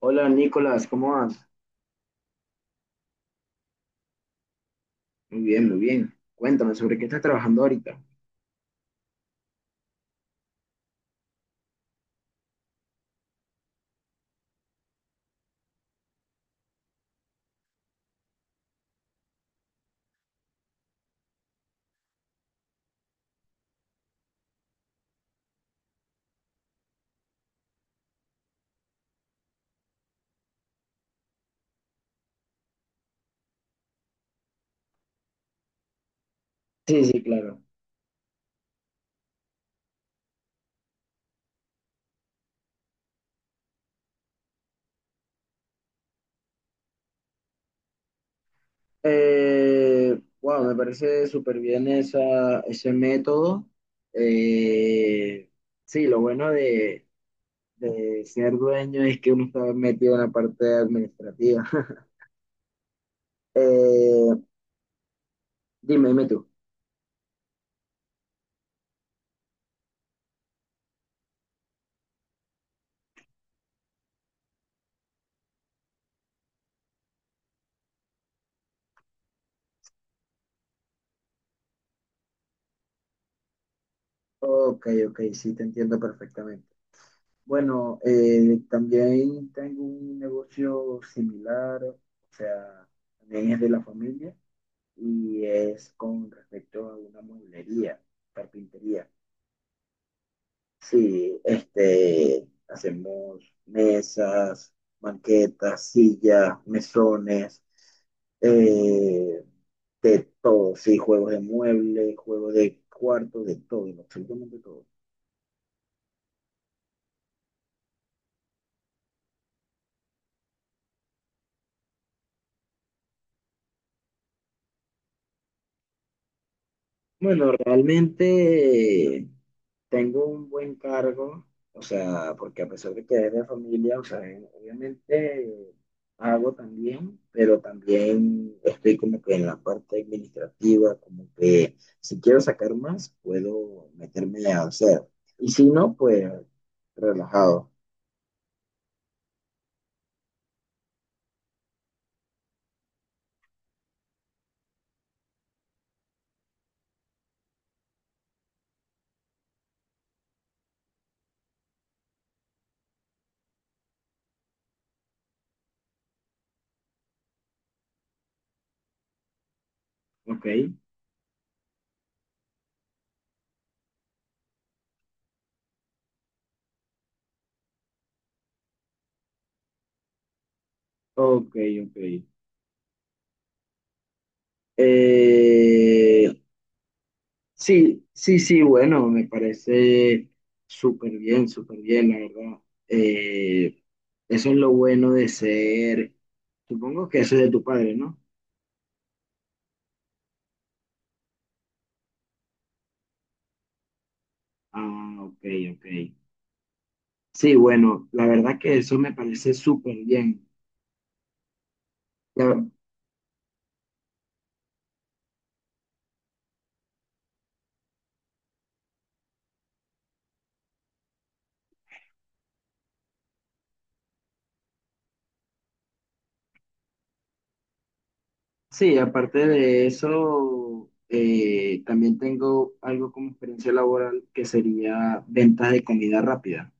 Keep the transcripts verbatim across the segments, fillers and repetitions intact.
Hola Nicolás, ¿cómo vas? Muy bien, muy bien. Cuéntame, ¿sobre qué estás trabajando ahorita? Sí, sí, claro. Eh, wow, me parece súper bien esa, ese método. Eh, sí, lo bueno de, de ser dueño es que uno está metido en la parte administrativa. Eh, Dime, dime tú. Ok, ok, sí, te entiendo perfectamente. Bueno, eh, también tengo un negocio similar, o sea, también es de la familia. Y es con respecto a una mueblería, carpintería. Sí, este, hacemos mesas, banquetas, sillas, mesones, eh, de todo, sí, juegos de muebles, juegos de cuarto, de todo, absolutamente todo. Bueno, realmente tengo un buen cargo, o sea, porque a pesar de que es de familia, o sea, eh, obviamente hago también, pero también estoy como que en la parte administrativa, como que si quiero sacar más, puedo meterme a hacer. Y si no, pues relajado. Ok, ok, ok. Eh, Sí, sí, sí, bueno, me parece súper bien, súper bien, la verdad. Eh, Eso es lo bueno de ser, supongo que eso es de tu padre, ¿no? Ah, ok, ok. Sí, bueno, la verdad que eso me parece súper bien. Ya- sí, aparte de eso, eh, también tengo algo como experiencia laboral que sería ventas de comida rápida.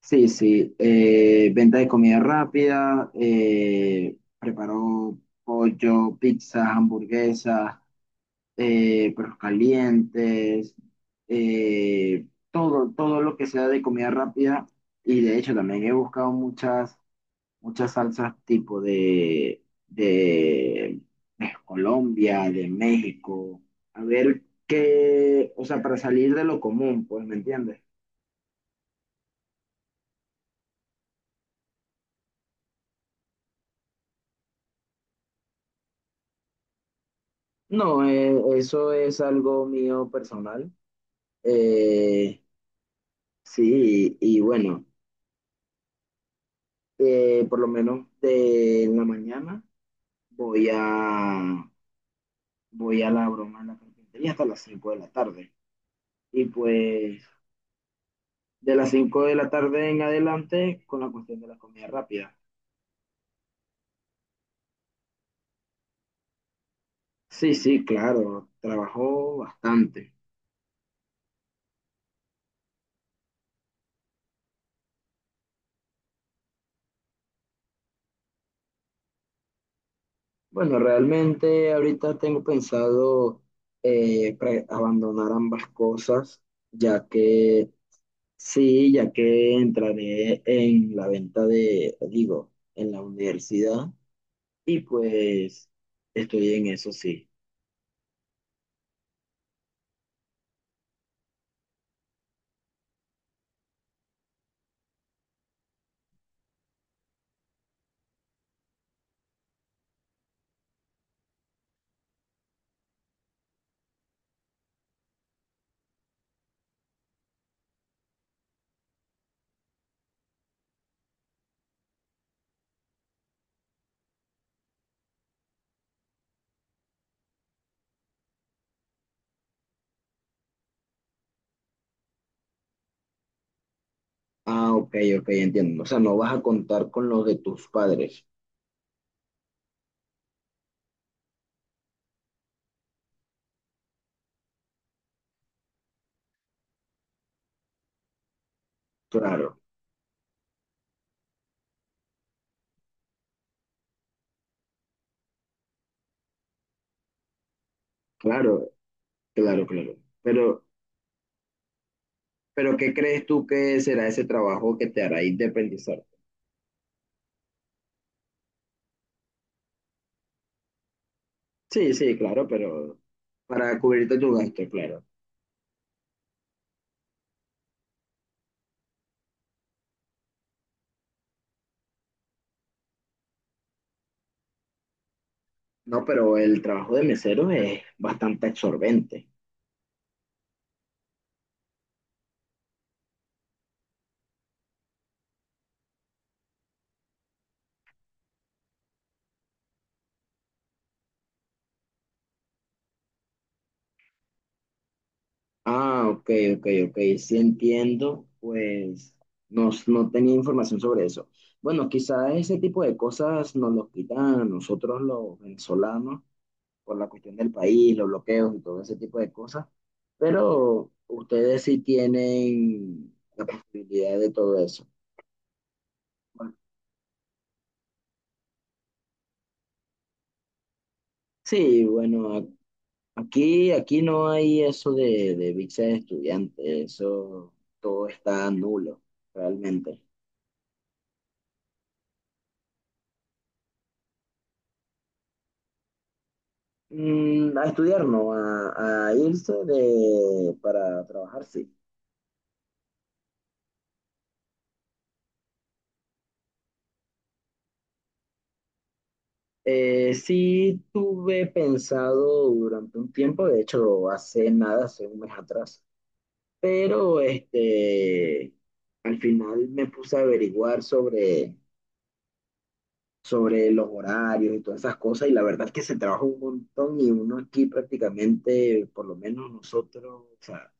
Sí, sí, eh, venta de comida rápida, eh, preparó pollo, pizzas, hamburguesas, eh, perros calientes, eh, todo, todo lo que sea de comida rápida. Y de hecho también he buscado muchas, muchas salsas tipo de, de, de, Colombia, de México, a ver qué, o sea, para salir de lo común, pues, ¿me entiendes? No, eh, eso es algo mío personal. Eh, sí, y bueno, eh, por lo menos de la mañana voy a, voy a la broma de la carpintería hasta las cinco de la tarde. Y pues de las cinco de la tarde en adelante con la cuestión de la comida rápida. Sí, sí, claro, trabajo bastante. Bueno, realmente ahorita tengo pensado eh, pre- abandonar ambas cosas, ya que... Sí, ya que entraré en la venta de, digo, en la universidad y pues estoy en eso, sí. Ah, ok, ok, entiendo. O sea, no vas a contar con los de tus padres. Claro, claro, claro, claro. Pero, pero ¿qué crees tú que será ese trabajo que te hará independizar? Sí, sí, claro, pero para cubrirte tu gasto, claro. No, pero el trabajo de mesero es bastante absorbente. Ah, ok, ok, ok, sí entiendo, pues no, no, tenía información sobre eso. Bueno, quizás ese tipo de cosas nos los quitan a nosotros los venezolanos por la cuestión del país, los bloqueos y todo ese tipo de cosas, pero ustedes sí tienen la posibilidad de todo eso. Bueno, sí, bueno, a- aquí, aquí, no hay eso de, de visa de estudiante, eso todo está nulo, realmente. Mm, a estudiar, no, a, a, irse de, para trabajar, sí. Eh, sí tuve pensado durante un tiempo, de hecho hace nada, hace un mes atrás, pero este, al final me puse a averiguar sobre, sobre, los horarios y todas esas cosas y la verdad es que se trabaja un montón y uno aquí prácticamente, por lo menos nosotros, o sea,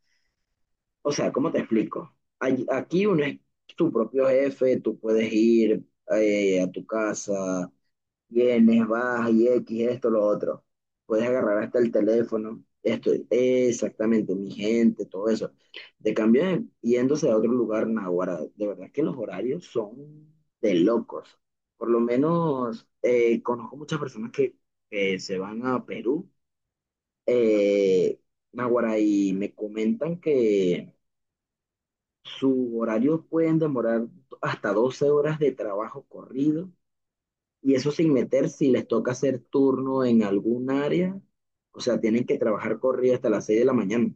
O sea, ¿cómo te explico? Ay- Aquí uno es tu propio jefe, tú puedes ir eh, a tu casa, vienes, vas y X, esto, lo otro. Puedes agarrar hasta el teléfono, esto, exactamente, mi gente, todo eso. De cambio, yéndose a otro lugar, naguará, de verdad que los horarios son de locos. Por lo menos eh, conozco muchas personas que, que se van a Perú, eh, naguará, y me comentan que su horario pueden demorar hasta doce horas de trabajo corrido y eso sin meter si les toca hacer turno en algún área. O sea, tienen que trabajar corrido hasta las seis de la mañana.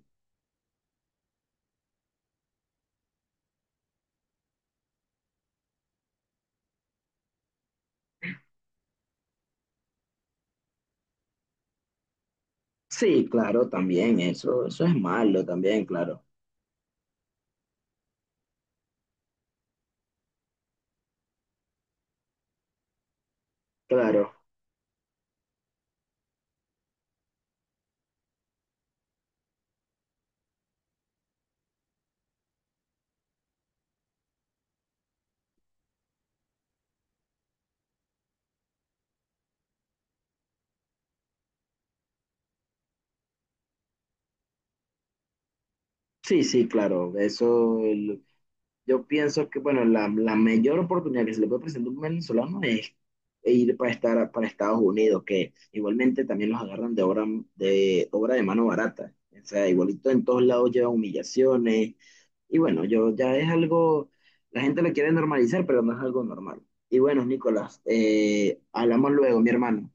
Sí, claro, también eso, eso es malo también, claro. Claro. Sí, sí, claro. Eso. Yo pienso que, bueno, la, la, mayor oportunidad que se le puede presentar a un venezolano es ir para, estar, para Estados Unidos, que igualmente también los agarran de, obra de, obra de mano barata. O sea, igualito en todos lados lleva humillaciones. Y bueno, yo ya es algo, la gente lo quiere normalizar, pero no es algo normal. Y bueno, Nicolás, eh, hablamos luego, mi hermano.